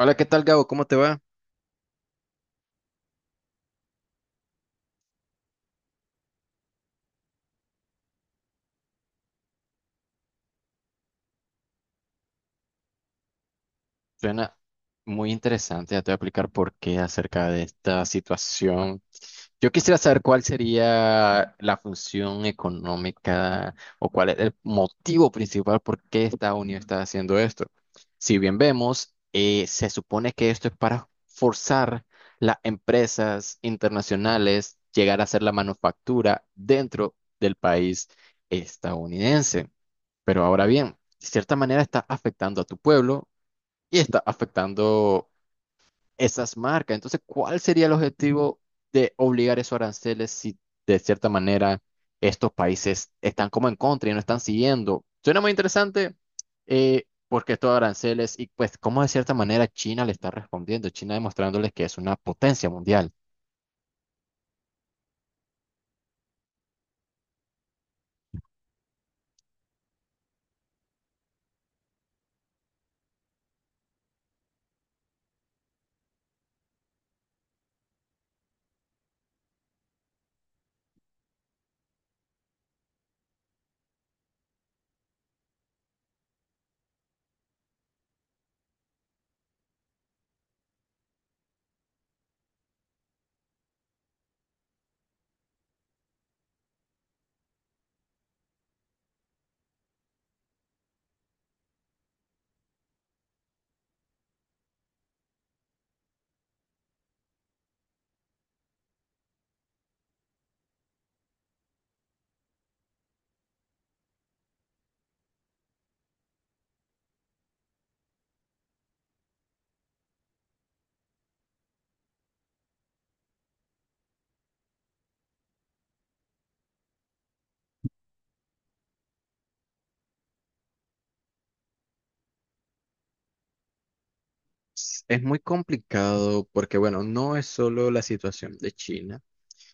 Hola, ¿qué tal, Gabo? ¿Cómo te va? Suena muy interesante. Ya te voy a explicar por qué acerca de esta situación. Yo quisiera saber cuál sería la función económica o cuál es el motivo principal por qué Estados Unidos está haciendo esto. Si bien vemos, se supone que esto es para forzar las empresas internacionales llegar a hacer la manufactura dentro del país estadounidense. Pero ahora bien, de cierta manera está afectando a tu pueblo y está afectando esas marcas. Entonces, ¿cuál sería el objetivo de obligar esos aranceles si de cierta manera estos países están como en contra y no están siguiendo? Suena muy interesante, porque estos aranceles y pues cómo de cierta manera China le está respondiendo, China demostrándoles que es una potencia mundial. Es muy complicado porque, bueno, no es solo la situación de China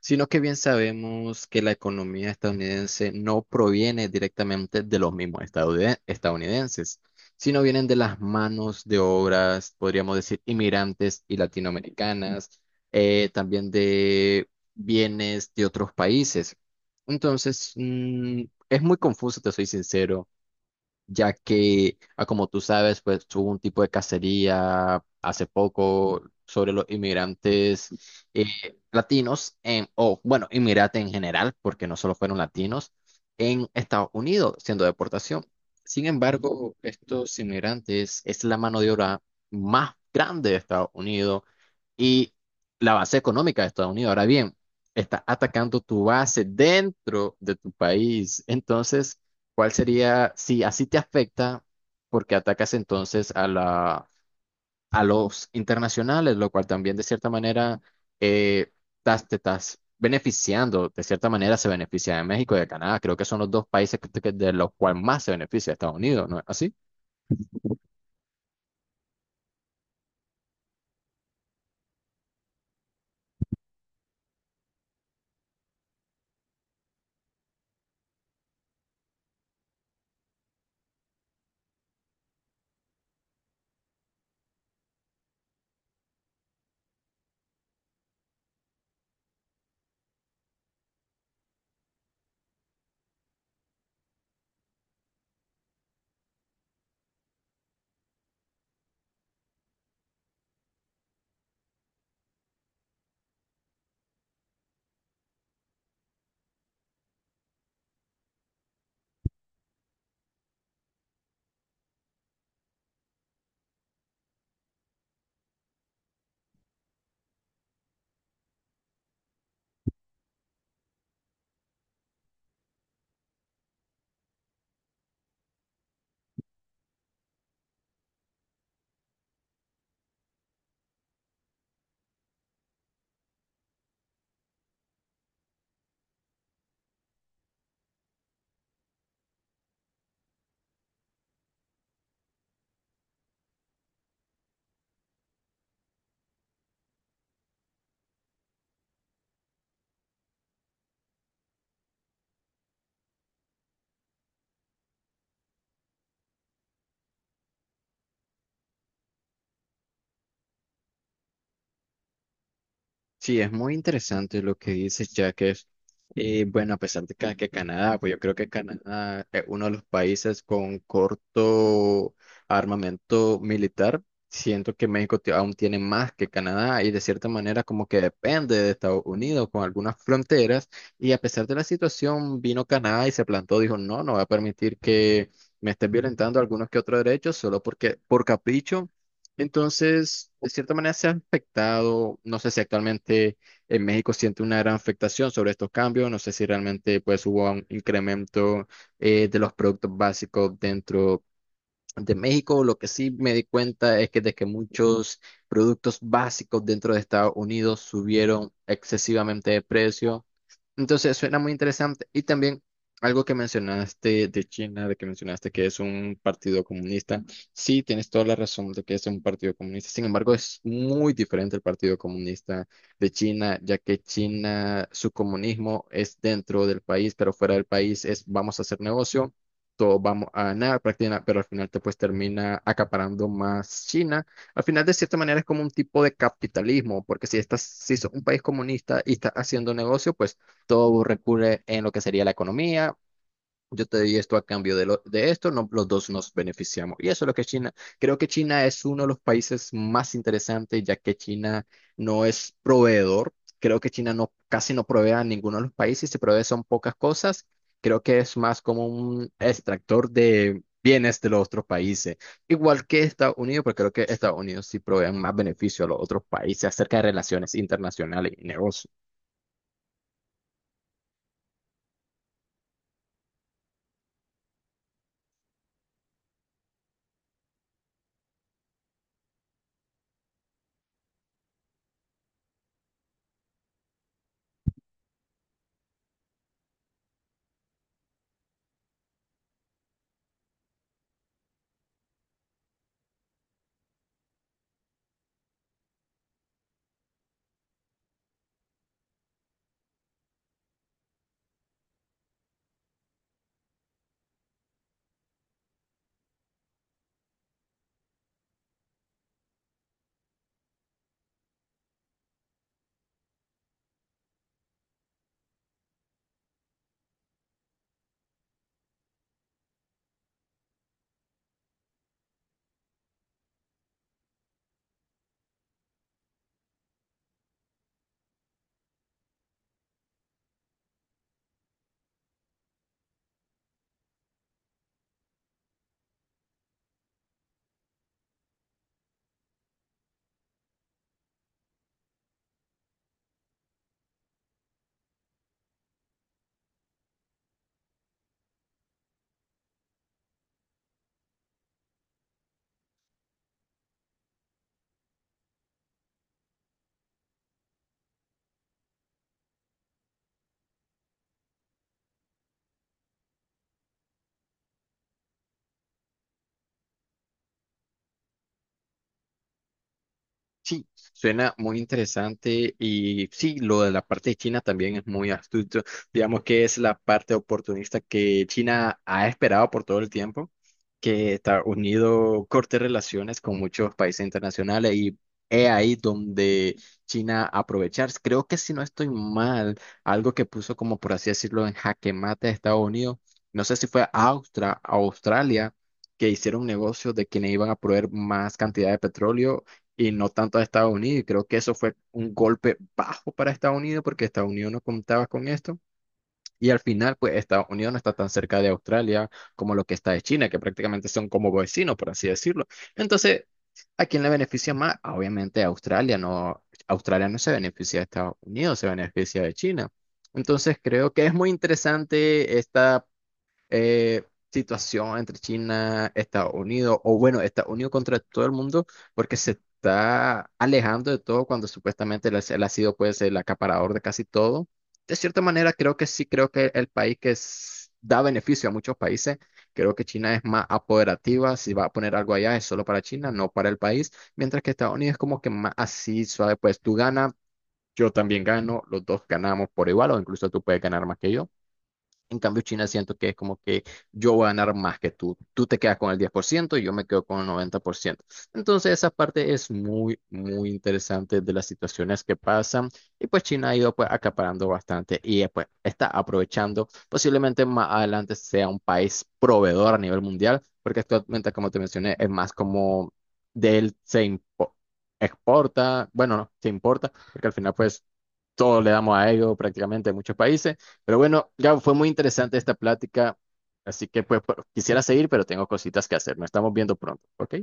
sino que bien sabemos que la economía estadounidense no proviene directamente de los mismos estadounidenses, sino vienen de las manos de obras, podríamos decir, inmigrantes y latinoamericanas, también de bienes de otros países. Entonces, es muy confuso, te soy sincero ya que, ah, como tú sabes, pues hubo un tipo de cacería hace poco sobre los inmigrantes, eh, latinos, en, o bueno, inmigrantes en general, porque no solo fueron latinos, en Estados Unidos, siendo deportación. Sin embargo, estos inmigrantes es la mano de obra más grande de Estados Unidos y la base económica de Estados Unidos. Ahora bien, está atacando tu base dentro de tu país. Entonces, ¿cuál sería, si así te afecta, porque atacas entonces a la, a los internacionales, lo cual también de cierta manera, eh, te estás beneficiando, de cierta manera se beneficia de México y de Canadá. Creo que son los dos países de los cuales más se beneficia Estados Unidos, ¿no es así? Sí, es muy interesante lo que dices, ya que es, bueno, a pesar de que Canadá, pues yo creo que Canadá es uno de los países con corto armamento militar, siento que México aún tiene más que Canadá y de cierta manera como que depende de Estados Unidos con algunas fronteras y a pesar de la situación vino Canadá y se plantó, dijo, no, no voy a permitir que me estén violentando algunos que otros derechos solo porque por capricho. Entonces, de cierta manera se ha afectado, no sé si actualmente en México siente una gran afectación sobre estos cambios, no sé si realmente pues hubo un incremento, de los productos básicos dentro de México. Lo que sí me di cuenta es que de que muchos productos básicos dentro de Estados Unidos subieron excesivamente de precio. Entonces, suena muy interesante. Y también algo que mencionaste de China, de que mencionaste que es un partido comunista. Sí, tienes toda la razón de que es un partido comunista. Sin embargo, es muy diferente el Partido Comunista de China, ya que China, su comunismo es dentro del país, pero fuera del país es vamos a hacer negocio, todos vamos a ganar, prácticamente, pero al final te pues termina acaparando más China. Al final, de cierta manera, es como un tipo de capitalismo, porque si estás, si sos un país comunista y estás haciendo negocio, pues todo recurre en lo que sería la economía. Yo te di esto a cambio de, de esto, no, los dos nos beneficiamos. Y eso es lo que China, creo que China es uno de los países más interesantes, ya que China no es proveedor. Creo que China no, casi no provee a ninguno de los países, si provee son pocas cosas. Creo que es más como un extractor de bienes de los otros países. Igual que Estados Unidos, pero creo que Estados Unidos sí provee más beneficio a los otros países acerca de relaciones internacionales y negocios. Sí, suena muy interesante y sí, lo de la parte de China también es muy astuto. Digamos que es la parte oportunista que China ha esperado por todo el tiempo, que Estados Unidos corte relaciones con muchos países internacionales y es ahí donde China aprovechar. Creo que si no estoy mal, algo que puso como por así decirlo en jaque mate a Estados Unidos, no sé si fue Austra, Australia, que hicieron un negocio de que le iban a proveer más cantidad de petróleo y no tanto a Estados Unidos. Y creo que eso fue un golpe bajo para Estados Unidos porque Estados Unidos no contaba con esto. Y al final, pues Estados Unidos no está tan cerca de Australia como lo que está de China, que prácticamente son como vecinos, por así decirlo. Entonces, ¿a quién le beneficia más? Ah, obviamente a Australia, no. Australia no se beneficia de Estados Unidos, se beneficia de China. Entonces, creo que es muy interesante esta, eh, situación entre China, Estados Unidos, o bueno, Estados Unidos contra todo el mundo, porque se está alejando de todo cuando supuestamente él, él ha sido pues el acaparador de casi todo. De cierta manera, creo que sí, creo que el país da beneficio a muchos países, creo que China es más apoderativa, si va a poner algo allá es solo para China, no para el país, mientras que Estados Unidos es como que más así suave, pues tú ganas. Yo también gano, los dos ganamos por igual, o incluso tú puedes ganar más que yo. En cambio, China siento que es como que yo voy a ganar más que tú. Tú te quedas con el 10% y yo me quedo con el 90%. Entonces, esa parte es muy, muy interesante de las situaciones que pasan. Y pues China ha ido pues acaparando bastante y, pues está aprovechando. Posiblemente más adelante sea un país proveedor a nivel mundial, porque actualmente, como te mencioné, es más como de él exporta, bueno, no, se importa, porque al final pues todos le damos a ello prácticamente en muchos países. Pero bueno, ya fue muy interesante esta plática, así que pues quisiera seguir, pero tengo cositas que hacer. Nos estamos viendo pronto, ¿ok?